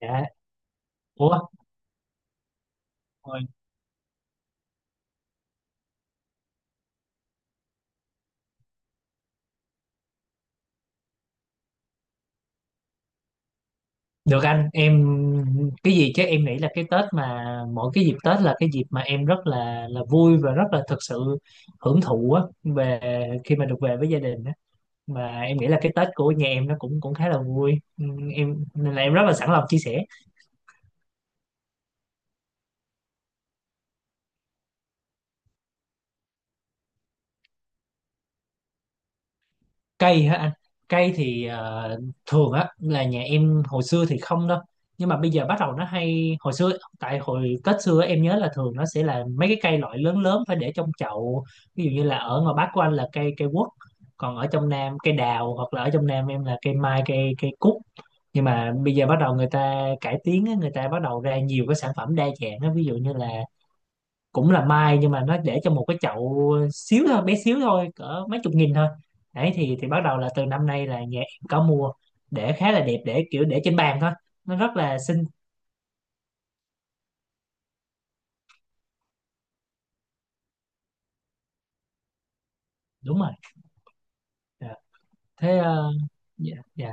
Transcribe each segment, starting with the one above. Dạ. Ủa, rồi, được anh, em cái gì chứ em nghĩ là cái Tết mà mỗi cái dịp Tết là cái dịp mà em rất là vui và rất là thực sự hưởng thụ á, về khi mà được về với gia đình á. Mà em nghĩ là cái Tết của nhà em nó cũng cũng khá là vui. Ừ, em nên là em rất là sẵn lòng chia sẻ. Cây hả anh? Cây thì thường á là nhà em hồi xưa thì không đâu, nhưng mà bây giờ bắt đầu nó hay hồi xưa. Tại hồi Tết xưa em nhớ là thường nó sẽ là mấy cái cây loại lớn lớn phải để trong chậu, ví dụ như là ở ngoài Bắc của anh là cây cây quất, còn ở trong Nam cây đào, hoặc là ở trong Nam em là cây mai, cây cây cúc. Nhưng mà bây giờ bắt đầu người ta cải tiến á, người ta bắt đầu ra nhiều cái sản phẩm đa dạng á, ví dụ như là cũng là mai nhưng mà nó để trong một cái chậu xíu thôi, bé xíu thôi, cỡ mấy chục nghìn thôi. Đấy thì bắt đầu là từ năm nay là nhà em có mua, để khá là đẹp, để kiểu để trên bàn thôi, nó rất là xinh. Đúng rồi. Dạ. Thế dạ dạ.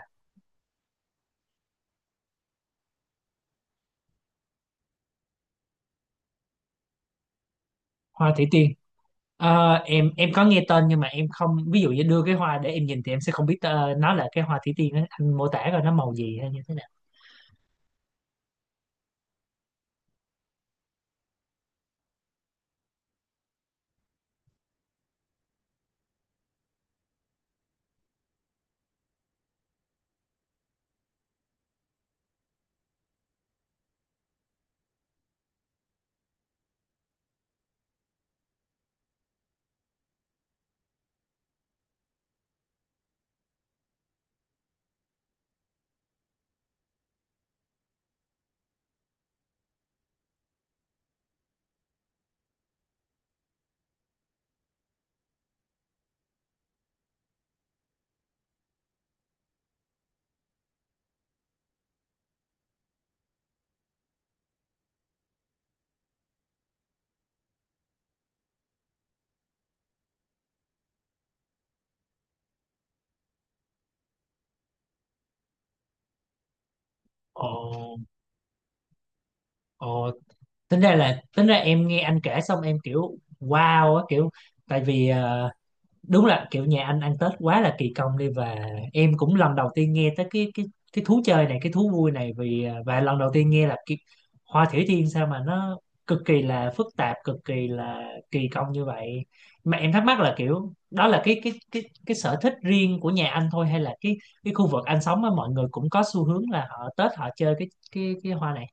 Hoa thủy tiên. Em có nghe tên nhưng mà em không, ví dụ như đưa cái hoa để em nhìn thì em sẽ không biết nó là cái hoa thủy tiên á. Anh mô tả rồi nó màu gì hay như thế nào? Ồ. Ồ. Tính ra là, tính ra em nghe anh kể xong em kiểu wow á, kiểu tại vì đúng là kiểu nhà anh ăn Tết quá là kỳ công đi, và em cũng lần đầu tiên nghe tới cái cái thú chơi này, cái thú vui này, vì à, và lần đầu tiên nghe là cái hoa thủy tiên sao mà nó cực kỳ là phức tạp, cực kỳ là kỳ công như vậy. Mà em thắc mắc là kiểu đó là cái cái sở thích riêng của nhà anh thôi, hay là cái khu vực anh sống á mọi người cũng có xu hướng là họ Tết họ chơi cái cái hoa này?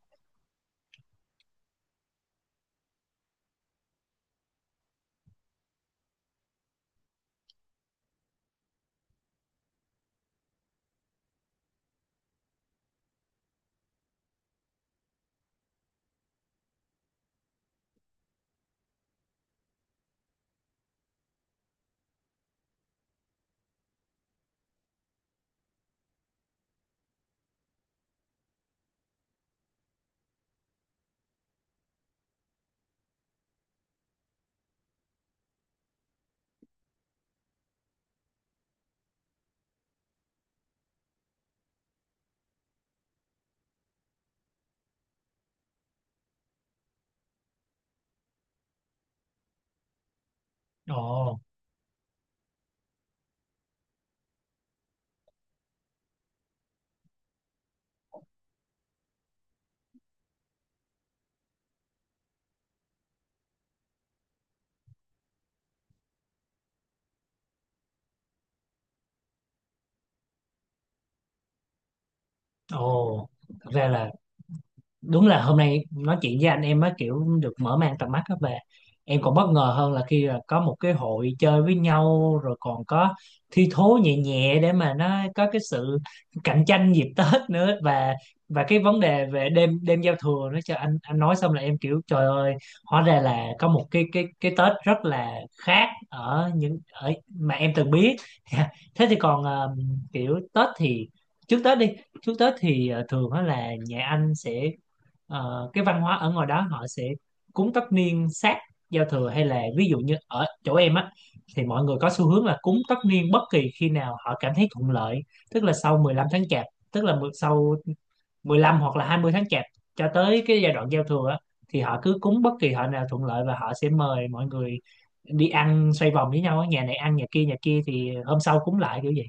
Ồ. Ồ. Thật ra là, đúng là hôm nay nói chuyện với anh em mới kiểu được mở mang tầm mắt á, về em còn bất ngờ hơn là khi là có một cái hội chơi với nhau rồi còn có thi thố nhẹ nhẹ để mà nó có cái sự cạnh tranh dịp Tết nữa, và cái vấn đề về đêm đêm giao thừa nữa, cho anh nói xong là em kiểu trời ơi, hóa ra là có một cái cái Tết rất là khác ở những ở mà em từng biết. Thế thì còn kiểu Tết thì, trước Tết đi, trước Tết thì thường á là nhà anh sẽ, cái văn hóa ở ngoài đó họ sẽ cúng tất niên sát giao thừa, hay là ví dụ như ở chỗ em á thì mọi người có xu hướng là cúng tất niên bất kỳ khi nào họ cảm thấy thuận lợi, tức là sau 15 tháng chạp, tức là sau 15 hoặc là 20 tháng chạp cho tới cái giai đoạn giao thừa á, thì họ cứ cúng bất kỳ họ nào thuận lợi và họ sẽ mời mọi người đi ăn xoay vòng với nhau á, nhà này ăn nhà kia, nhà kia thì hôm sau cúng lại kiểu vậy.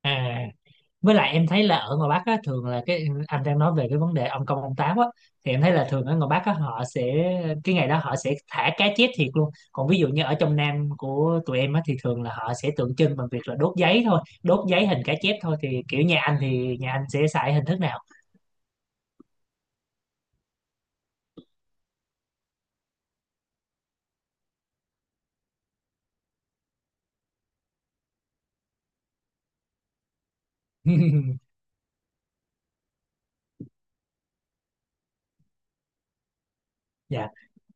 À, với lại em thấy là ở ngoài Bắc á, thường là cái, anh đang nói về cái vấn đề ông công ông táo á, thì em thấy là thường ở ngoài Bắc á, họ sẽ, cái ngày đó họ sẽ thả cá chết thiệt luôn, còn ví dụ như ở trong Nam của tụi em á, thì thường là họ sẽ tượng trưng bằng việc là đốt giấy thôi, đốt giấy hình cá chép thôi, thì kiểu nhà anh thì nhà anh sẽ xài hình thức nào? Dạ,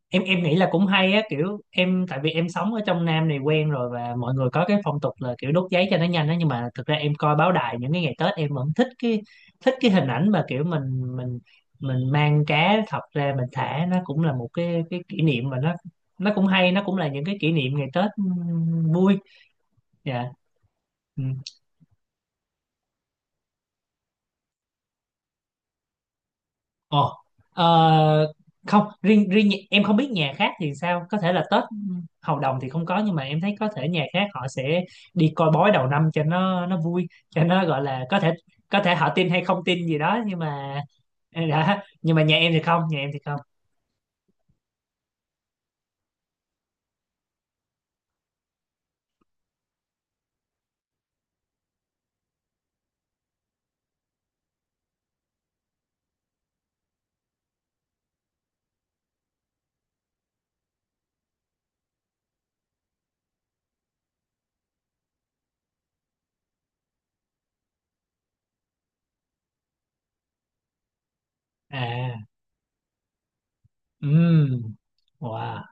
em nghĩ là cũng hay á, kiểu em tại vì em sống ở trong Nam này quen rồi và mọi người có cái phong tục là kiểu đốt giấy cho nó nhanh á, nhưng mà thực ra em coi báo đài những cái ngày Tết em vẫn thích cái, thích cái hình ảnh mà kiểu mình mình mang cá thật ra mình thả, nó cũng là một cái kỷ niệm mà nó cũng hay, nó cũng là những cái kỷ niệm ngày Tết vui. Dạ. Ồ, ờ, không riêng riêng em không biết nhà khác thì sao, có thể là Tết Hầu Đồng thì không có, nhưng mà em thấy có thể nhà khác họ sẽ đi coi bói đầu năm cho nó vui, cho nó gọi là có thể, có thể họ tin hay không tin gì đó, nhưng mà đã, nhưng mà nhà em thì không, nhà em thì không. À. Ừm, wow,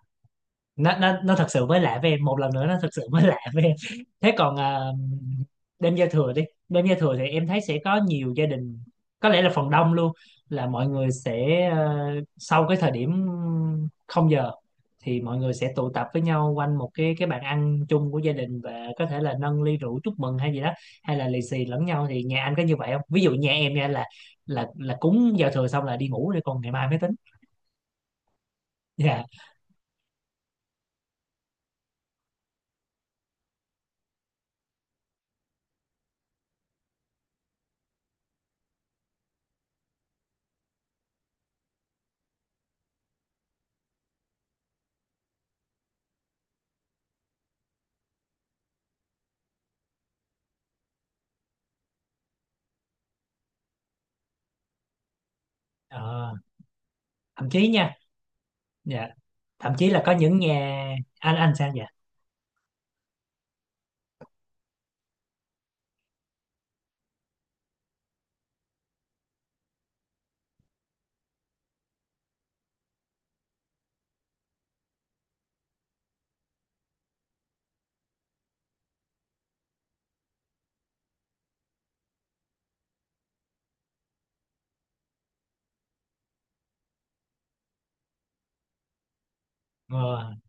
nó thật sự mới lạ với em, một lần nữa nó thật sự mới lạ với em. Thế còn à, đêm giao thừa đi, đêm giao thừa thì em thấy sẽ có nhiều gia đình, có lẽ là phần đông luôn, là mọi người sẽ sau cái thời điểm không giờ thì mọi người sẽ tụ tập với nhau quanh một cái bàn ăn chung của gia đình, và có thể là nâng ly rượu chúc mừng hay gì đó, hay là lì xì lẫn nhau, thì nhà anh có như vậy không? Ví dụ nhà em nha là, là cúng giao thừa xong là đi ngủ để còn ngày mai mới tính. Dạ. Ờ, thậm chí nha, dạ, thậm chí là có những nhà, anh sao vậy? ờ,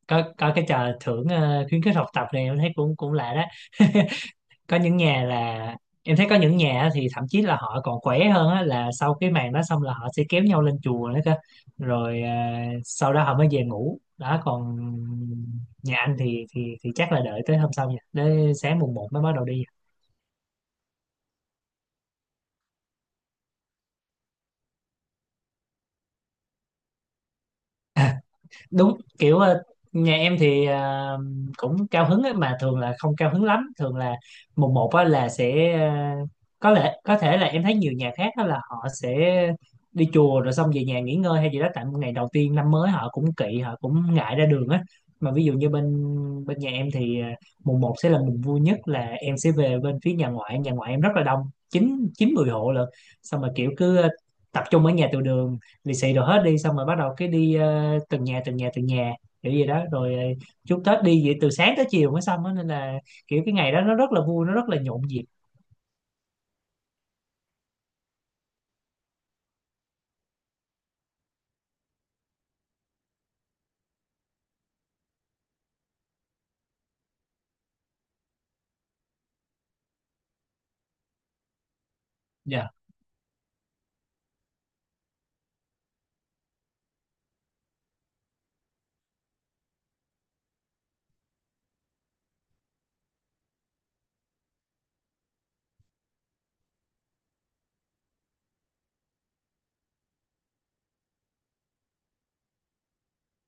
có cái trò thưởng khuyến khích học tập này em thấy cũng cũng lạ đó. Có những nhà là, em thấy có những nhà á thì thậm chí là họ còn khỏe hơn á, là sau cái màn đó xong là họ sẽ kéo nhau lên chùa nữa cơ, rồi sau đó họ mới về ngủ đó, còn nhà anh thì thì chắc là đợi tới hôm sau nha, tới sáng mùng một mới bắt đầu đi. Đúng, kiểu nhà em thì cũng cao hứng ấy, mà thường là không cao hứng lắm, thường là mùng một á là sẽ có lẽ, có thể là em thấy nhiều nhà khác đó là họ sẽ đi chùa rồi xong về nhà nghỉ ngơi hay gì đó, tại ngày đầu tiên năm mới họ cũng kỵ họ cũng ngại ra đường á. Mà ví dụ như bên, bên nhà em thì mùng một sẽ là mùng vui nhất, là em sẽ về bên phía nhà ngoại, nhà ngoại em rất là đông, chín chín mười hộ lận, xong mà kiểu cứ tập trung ở nhà từ đường lì xì đồ hết đi, xong rồi bắt đầu cái đi từng nhà từng nhà từng nhà kiểu gì đó, rồi chúc Tết đi vậy từ sáng tới chiều mới xong á, nên là kiểu cái ngày đó nó rất là vui, nó rất là nhộn nhịp. Dạ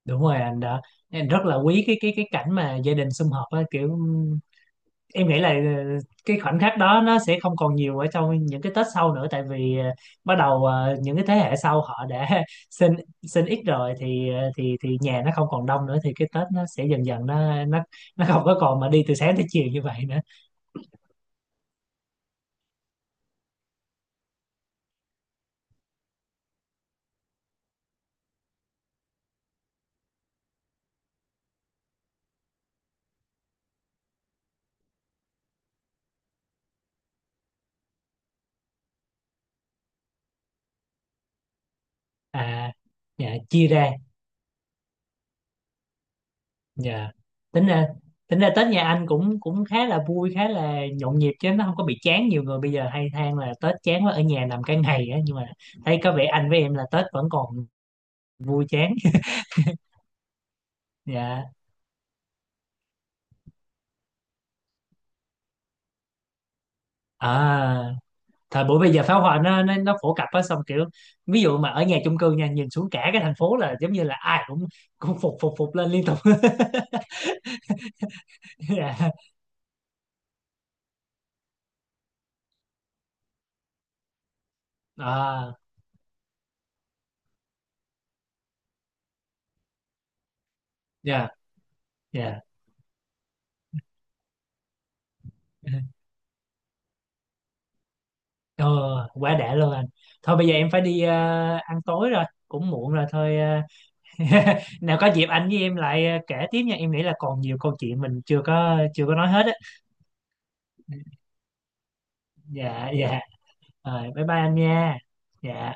đúng rồi anh, đã em rất là quý cái cái cảnh mà gia đình sum họp á, kiểu em nghĩ là cái khoảnh khắc đó nó sẽ không còn nhiều ở trong những cái Tết sau nữa, tại vì bắt đầu những cái thế hệ sau họ đã sinh sinh ít rồi, thì thì nhà nó không còn đông nữa, thì cái Tết nó sẽ dần dần nó nó không có còn mà đi từ sáng tới chiều như vậy nữa. À, dạ chia ra, dạ. Tính ra, tính ra Tết nhà anh cũng cũng khá là vui, khá là nhộn nhịp, chứ nó không có bị chán. Nhiều người bây giờ hay than là Tết chán quá ở nhà nằm cả ngày á, nhưng mà thấy có vẻ anh với em là Tết vẫn còn vui chán. Dạ. À, thời buổi bây giờ pháo hoa nó phổ cập á, xong kiểu ví dụ mà ở nhà chung cư nha, nhìn xuống cả cái thành phố là giống như là ai cũng cũng phục phục phục lên liên tục. Dạ. À. Dạ dạ. Ờ, quá đã luôn anh. Thôi bây giờ em phải đi ăn tối rồi, cũng muộn rồi thôi. Ờ. Nào có dịp anh với em lại kể tiếp nha. Em nghĩ là còn nhiều câu chuyện mình chưa có nói hết á. Dạ dạ. Rồi bye bye anh nha. Dạ.